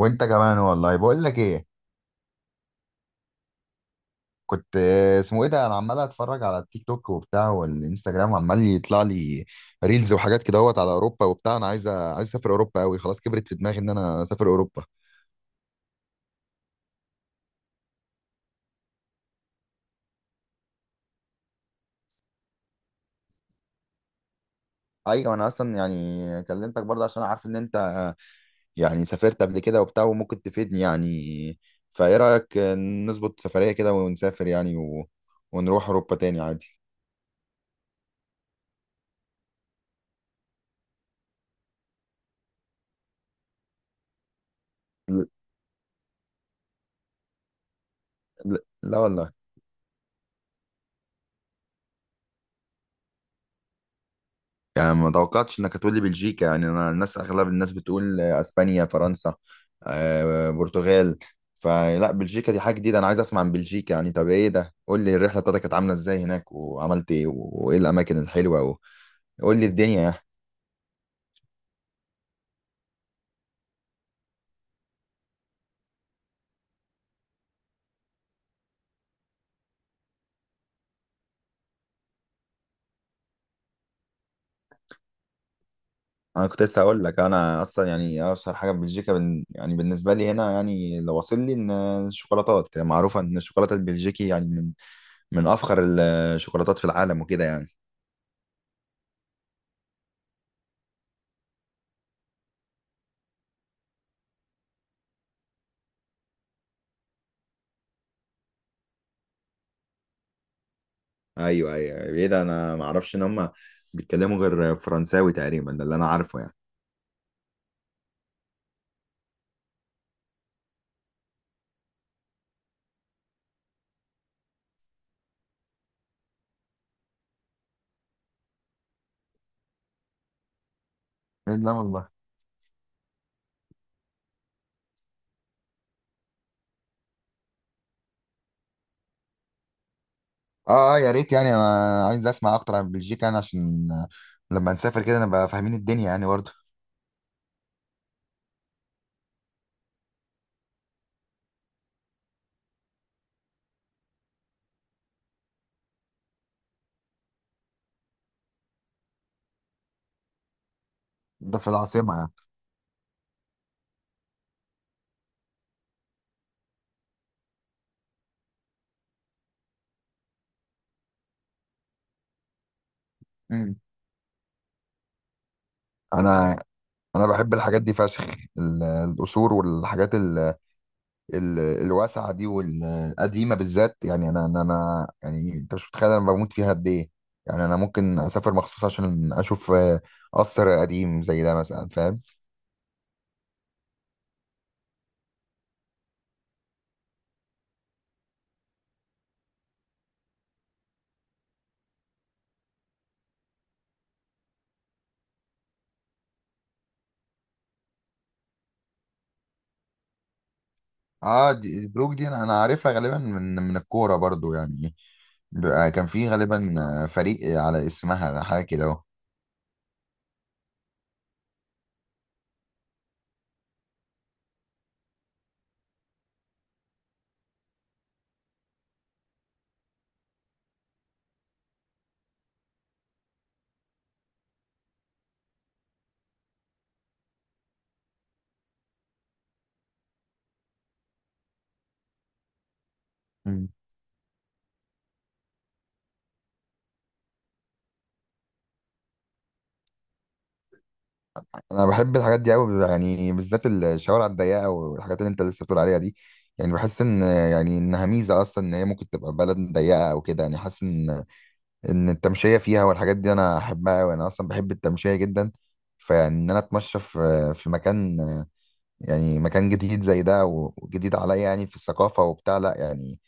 وانت كمان والله بقول لك ايه. كنت اسمه ايه ده، انا عمال اتفرج على التيك توك وبتاع، والانستجرام عمال يطلع لي ريلز وحاجات كده وات على اوروبا وبتاع. انا عايز عايز اسافر اوروبا قوي، خلاص كبرت في دماغي ان انا اسافر اوروبا. ايوه انا اصلا يعني كلمتك برضه عشان عارف ان انت يعني سافرت قبل كده وبتاع وممكن تفيدني يعني. فايه رايك نظبط سفريه كده ونسافر يعني ونروح اوروبا تاني عادي. ل- ل- لا والله، يعني ما توقعتش انك هتقول لي بلجيكا يعني. انا اغلب الناس بتقول اسبانيا، فرنسا، برتغال. فلا بلجيكا دي حاجه جديده، انا عايز اسمع عن بلجيكا يعني. طب ايه ده، قول لي الرحله بتاعتك كانت عامله ازاي هناك، وعملت ايه، وايه الاماكن الحلوه، وقول لي الدنيا يعني. انا كنت لسه هقول لك، انا اصلا يعني اشهر حاجه في بلجيكا يعني بالنسبه لي هنا يعني اللي واصل لي ان الشوكولاتات يعني، معروفه ان الشوكولاته البلجيكي يعني من افخر الشوكولاتات في العالم وكده يعني. ايوه ايوه، ايه ده، انا ما اعرفش ان هم بيتكلموا غير فرنساوي تقريبا، ده اللي انا عارفه يعني. إيه ده والله. اه اه، يا ريت يعني، انا عايز اسمع اكتر عن بلجيكا يعني عشان لما نسافر كده نبقى فاهمين الدنيا يعني برضه. ده في العاصمة يعني؟ مم. انا انا بحب الحاجات دي فشخ. القصور والحاجات الواسعة دي والقديمة بالذات يعني، يعني انت مش متخيل انا بموت فيها قد ايه. يعني انا ممكن اسافر مخصوص عشان اشوف قصر قديم زي ده مثلا، فاهم؟ اه دي بروك، دي انا عارفها غالبا من الكوره برضو يعني. بقى كان في غالبا فريق على اسمها حاجه كده اهو. مم. انا بحب الحاجات دي قوي يعني، بالذات الشوارع الضيقه والحاجات اللي انت لسه بتقول عليها دي. يعني بحس ان يعني انها ميزه اصلا ان هي ممكن تبقى بلد ضيقه او كده. يعني حاسس ان التمشيه فيها والحاجات دي انا احبها قوي، انا اصلا بحب التمشيه جدا. فيعني ان انا اتمشى في مكان، يعني مكان جديد زي ده وجديد عليا يعني في الثقافه وبتاع، لا يعني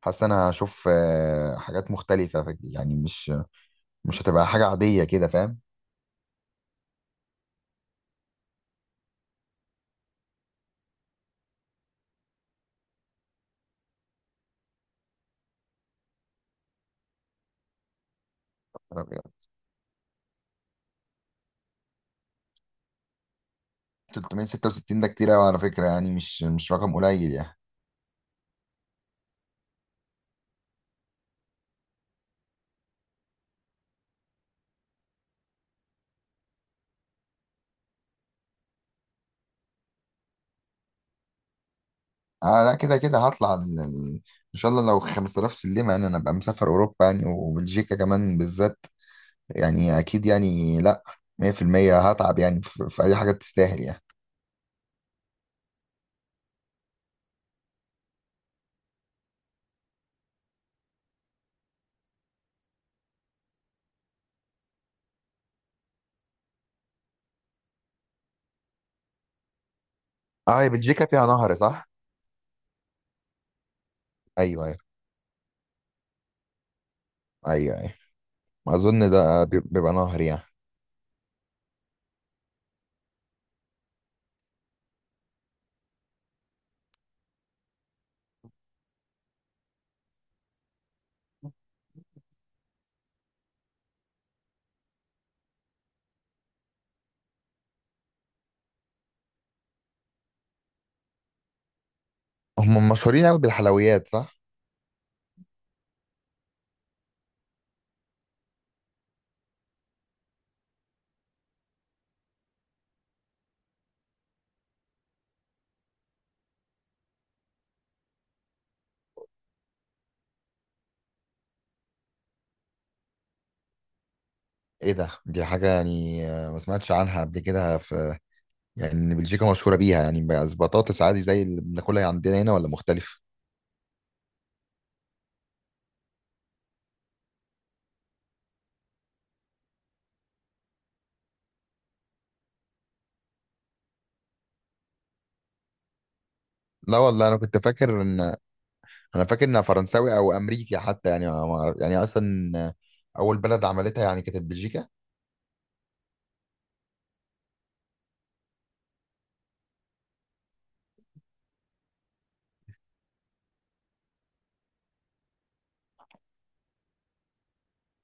حاسس انا هشوف حاجات مختلفة، يعني مش هتبقى حاجة عادية كده، فاهم؟ 366 ده كتير قوي على فكرة يعني، مش رقم قليل يعني. اه لا كده كده هطلع ان شاء الله لو 5000 سلمة، يعني انا ابقى مسافر اوروبا يعني وبلجيكا كمان بالذات يعني، اكيد يعني. لا، 100% هتعب يعني في اي حاجة تستاهل يعني. اه، هي بلجيكا فيها نهر صح؟ ايوه ايوه، ايوه ايوه، اظن ده بيبقى نهر يعني. هم مشهورين قوي بالحلويات صح؟ ايه ده، دي حاجة يعني ما سمعتش عنها قبل كده، في يعني إن بلجيكا مشهورة بيها يعني، بس بطاطس عادي زي اللي بناكلها عندنا هنا ولا مختلف؟ لا والله، انا فاكر انها فرنساوي او امريكي حتى يعني، ما ما أعرف- يعني اصلا آه، اول بلد عملتها يعني كانت بلجيكا.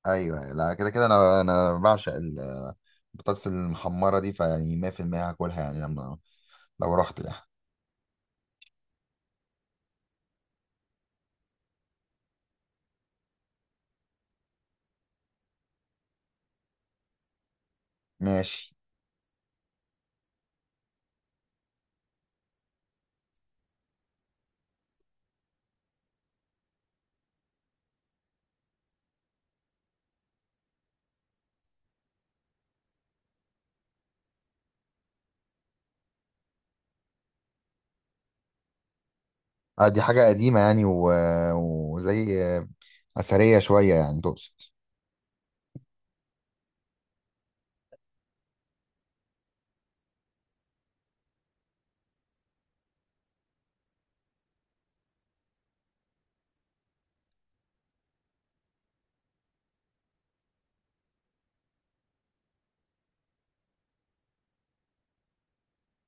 ايوه لا كده كده، انا بعشق البطاطس المحمرة دي، فيعني 100% هاكلها يعني لو رحت يعني. ماشي. دي حاجة قديمة يعني وزي أثرية شوية يعني تقصد؟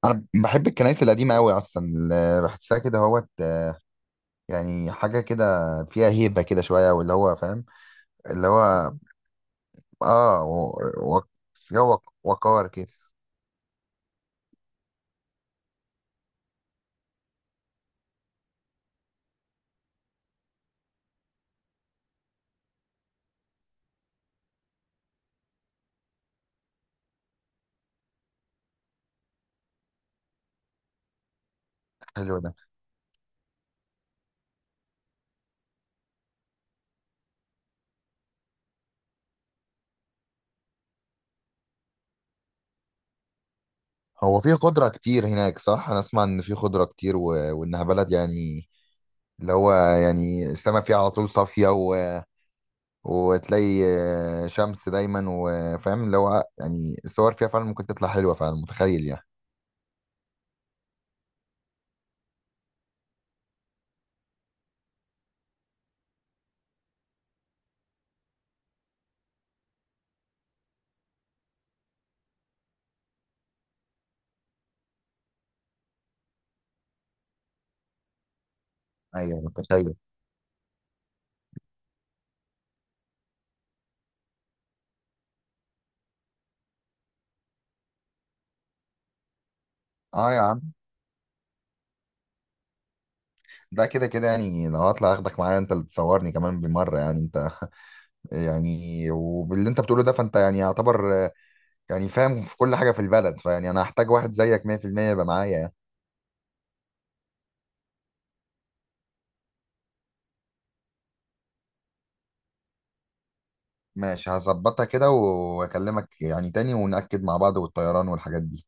انا بحب الكنائس القديمه قوي اصلا، اللي بحسها كده هوت يعني، حاجه كده فيها هيبه كده شويه، واللي هو فاهم اللي هو اه و... و... فيها وقار كده. حلو ده. هو في خضره كتير هناك صح؟ انا اسمع ان في خضره كتير وانها بلد يعني اللي هو يعني السما فيها على طول صافيه وتلاقي شمس دايما، وفاهم اللي هو يعني الصور فيها فعلا ممكن تطلع حلوه فعلا، متخيل يعني. ايوه متخيل. اه يا عم، ده كده كده يعني لو هطلع اخدك معايا، انت اللي تصورني كمان بالمره يعني انت. يعني وباللي انت بتقوله ده، فانت يعني يعتبر يعني فاهم في كل حاجه في البلد، فيعني انا هحتاج واحد زيك 100% يبقى معايا يعني. ماشي هظبطها كده واكلمك يعني تاني، ونأكد مع بعض والطيران والحاجات دي